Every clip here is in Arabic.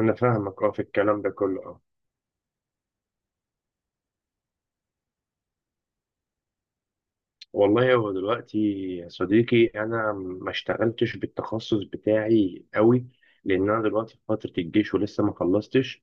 انا فاهمك اه في الكلام ده كله اه. والله هو دلوقتي يا صديقي، انا ما اشتغلتش بالتخصص بتاعي قوي لان انا دلوقتي في فتره الجيش ولسه ما خلصتش.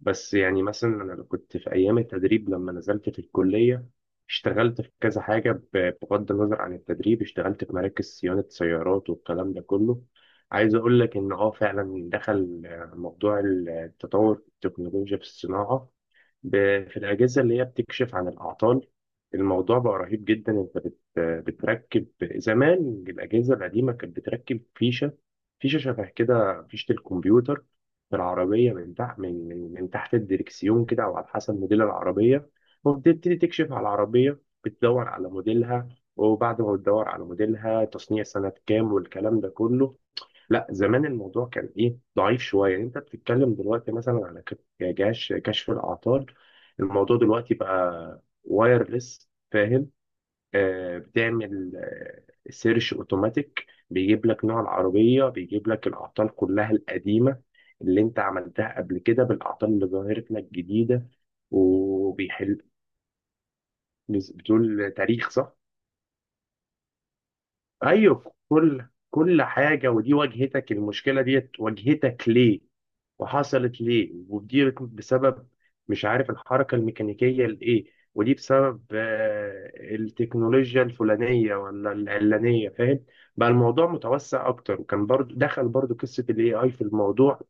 بس يعني مثلا انا لو كنت في ايام التدريب لما نزلت في الكليه اشتغلت في كذا حاجه، بغض النظر عن التدريب اشتغلت في مراكز صيانه سيارات والكلام ده كله. عايز اقول لك ان اه فعلا دخل موضوع التطور التكنولوجيا في الصناعه، في الأجهزة اللي هي بتكشف عن الأعطال. الموضوع بقى رهيب جدا، أنت بتركب. زمان الأجهزة القديمة كانت بتركب فيشة، فيشة شبه كده فيشة الكمبيوتر في العربية من تحت، من تحت الدركسيون كده أو على حسب موديل العربية، وبتبتدي تكشف على العربية، بتدور على موديلها. وبعد ما بتدور على موديلها تصنيع سنة كام والكلام ده كله. لا زمان الموضوع كان ايه، ضعيف شويه. يعني انت بتتكلم دلوقتي مثلا على يعني جهاز كشف الاعطال. الموضوع دلوقتي بقى وايرلس، فاهم؟ آه، بتعمل آه سيرش اوتوماتيك، بيجيب لك نوع العربيه، بيجيب لك الاعطال كلها القديمه اللي انت عملتها قبل كده بالاعطال اللي ظهرت لك جديده، وبيحل. بتقول تاريخ، صح؟ ايوه، كل حاجه. ودي واجهتك المشكله ديت، واجهتك ليه وحصلت ليه، ودي بسبب مش عارف الحركة الميكانيكية لإيه، ودي بسبب التكنولوجيا الفلانية ولا العلانية، فاهم؟ بقى الموضوع متوسع أكتر، وكان برضو دخل برضو قصة ال AI في الموضوع،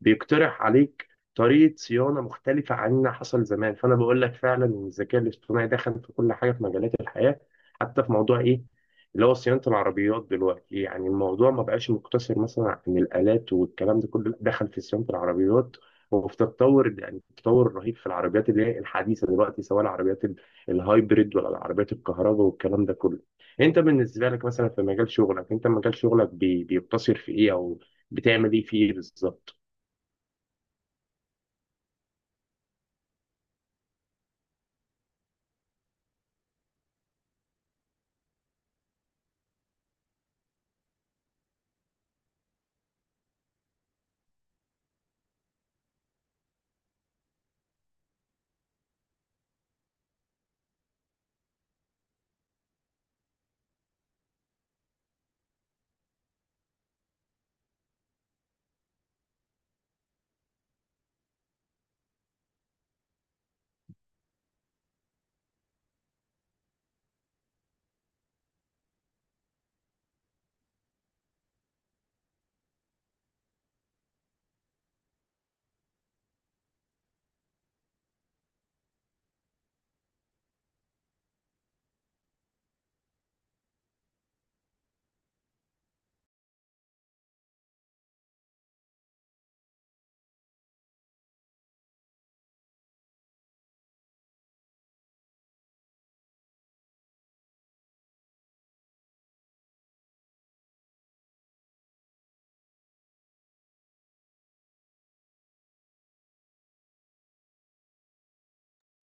بيقترح عليك طريقة صيانة مختلفة عن اللي حصل زمان. فأنا بقول لك فعلا إن الذكاء الاصطناعي دخل في كل حاجة في مجالات الحياة، حتى في موضوع إيه، اللي هو صيانة العربيات دلوقتي. يعني الموضوع ما بقاش مقتصر مثلا عن الآلات والكلام ده كله، لأ، دخل في صيانة العربيات. وفي تطور، يعني تطور رهيب في العربيات اللي هي الحديثة دلوقتي، سواء العربيات الهايبريد ولا العربيات الكهرباء والكلام ده كله. انت بالنسبة لك مثلا في مجال شغلك، انت مجال شغلك بيقتصر في ايه، او بتعمل ايه فيه بالظبط؟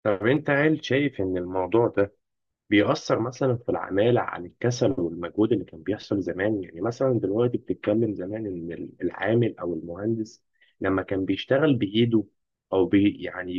طب انت هل شايف ان الموضوع ده بيأثر مثلا في العمالة عن الكسل والمجهود اللي كان بيحصل زمان؟ يعني مثلا دلوقتي بتتكلم زمان إن العامل أو المهندس لما كان بيشتغل بإيده أو بي يعني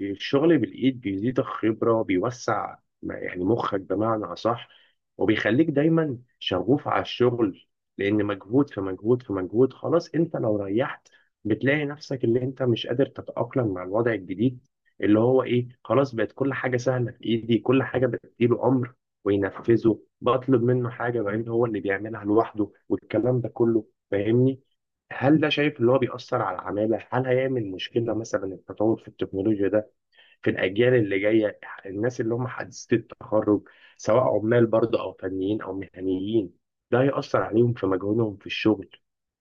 الشغل بالإيد بيزيد الخبرة، بيوسع يعني مخك بمعنى أصح، وبيخليك دايما شغوف على الشغل. لأن مجهود في مجهود في مجهود، خلاص أنت لو ريحت بتلاقي نفسك اللي أنت مش قادر تتأقلم مع الوضع الجديد اللي هو ايه، خلاص بقت كل حاجه سهله في ايدي، كل حاجه يديله امر وينفذه، بطلب منه حاجه بعدين هو اللي بيعملها لوحده والكلام ده كله، فاهمني؟ هل ده شايف اللي هو بيأثر على العمالة؟ هل هيعمل مشكلة مثلا التطور في التكنولوجيا ده في الأجيال اللي جاية، الناس اللي هم حديثي التخرج، سواء عمال برضه أو فنيين أو مهنيين، ده هيأثر عليهم في مجهودهم في الشغل؟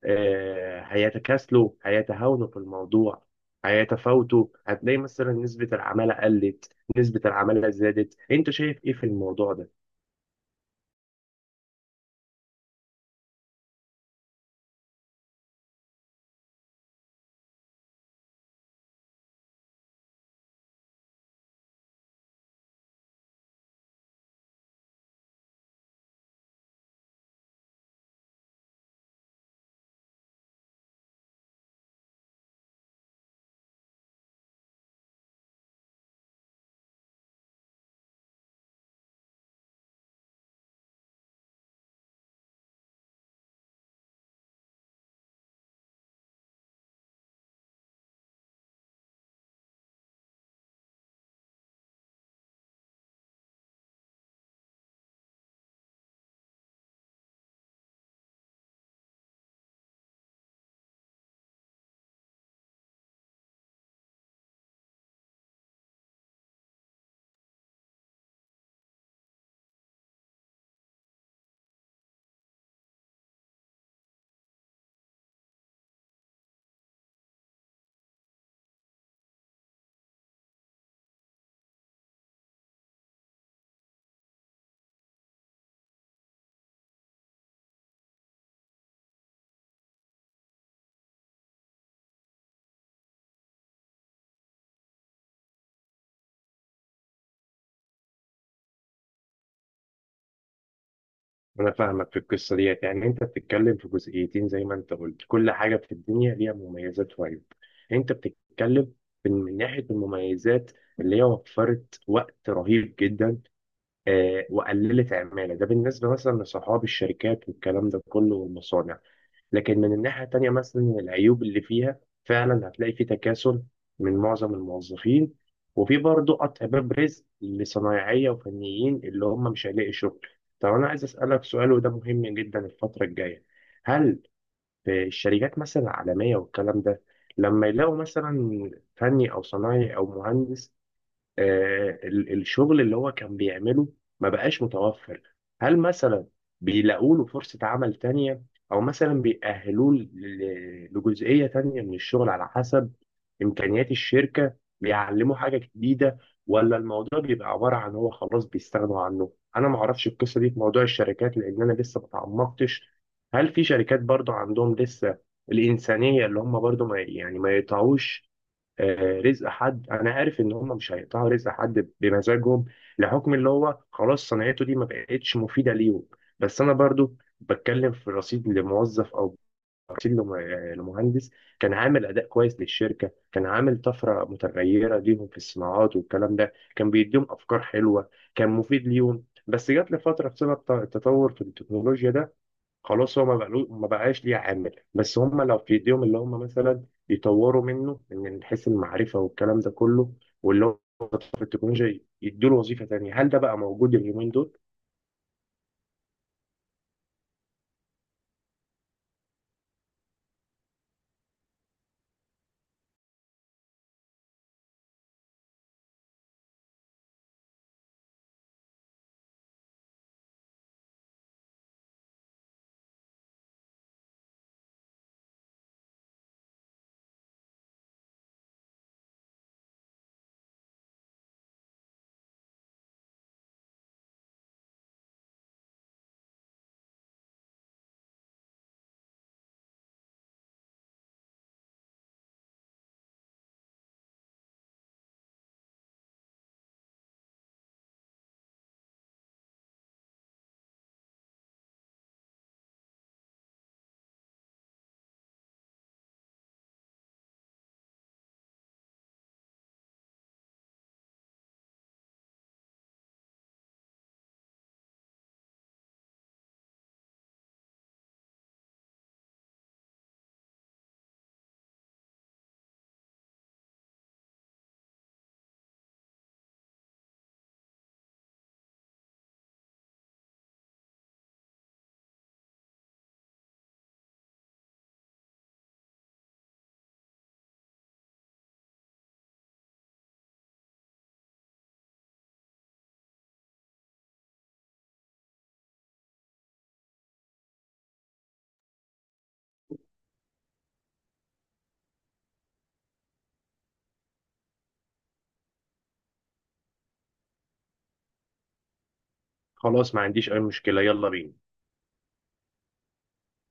آه، هيتكاسلوا، هيتهاونوا في الموضوع، هيتفاوتوا؟ هتلاقي مثلا نسبة العمالة قلت، نسبة العمالة زادت؟ أنت شايف إيه في الموضوع ده؟ أنا فاهمك في القصة ديت. يعني أنت بتتكلم في جزئيتين، زي ما أنت قلت كل حاجة في الدنيا ليها مميزات وعيوب. أنت بتتكلم من ناحية المميزات، اللي هي وفرت وقت رهيب جدا، آه وقللت عمالة، ده بالنسبة مثلا لصحاب الشركات والكلام ده كله والمصانع. لكن من الناحية التانية مثلا العيوب اللي فيها، فعلا هتلاقي في تكاسل من معظم الموظفين، وفي برضه قطع باب رزق لصنايعية وفنيين اللي هم مش هيلاقي شغل. طب أنا عايز أسألك سؤال وده مهم جدا الفترة الجاية. هل في الشركات مثلا العالمية والكلام ده، لما يلاقوا مثلا فني أو صنايعي أو مهندس، الشغل اللي هو كان بيعمله ما بقاش متوفر، هل مثلا بيلاقوا له فرصة عمل تانية، او مثلا بيأهلوه لجزئية تانية من الشغل على حسب امكانيات الشركة، بيعلموا حاجة جديدة؟ ولا الموضوع بيبقى عبارة عن هو خلاص بيستغنوا عنه؟ انا ما اعرفش القصة دي في موضوع الشركات لان انا لسه ما تعمقتش. هل في شركات برضو عندهم لسه الإنسانية اللي هم برضو ما يعني ما يقطعوش رزق حد؟ انا عارف ان هم مش هيقطعوا رزق حد بمزاجهم، لحكم اللي هو خلاص صناعته دي ما بقتش مفيده ليهم. بس انا برضو بتكلم في رصيد لموظف او رصيد لمهندس كان عامل اداء كويس للشركه، كان عامل طفره متغيره ليهم في الصناعات والكلام ده، كان بيديهم افكار حلوه، كان مفيد ليهم، بس جات لفتره بسبب التطور في التكنولوجيا ده، خلاص هو ما بقاش ليه عامل. بس هم لو في ايديهم اللي هم مثلا يطوروا منه من حيث المعرفه والكلام ده كله، واللي هو في التكنولوجيا يدوا له وظيفه تانيه، هل ده بقى موجود اليومين دول؟ خلاص ما عنديش اي مشكله، يلا بينا.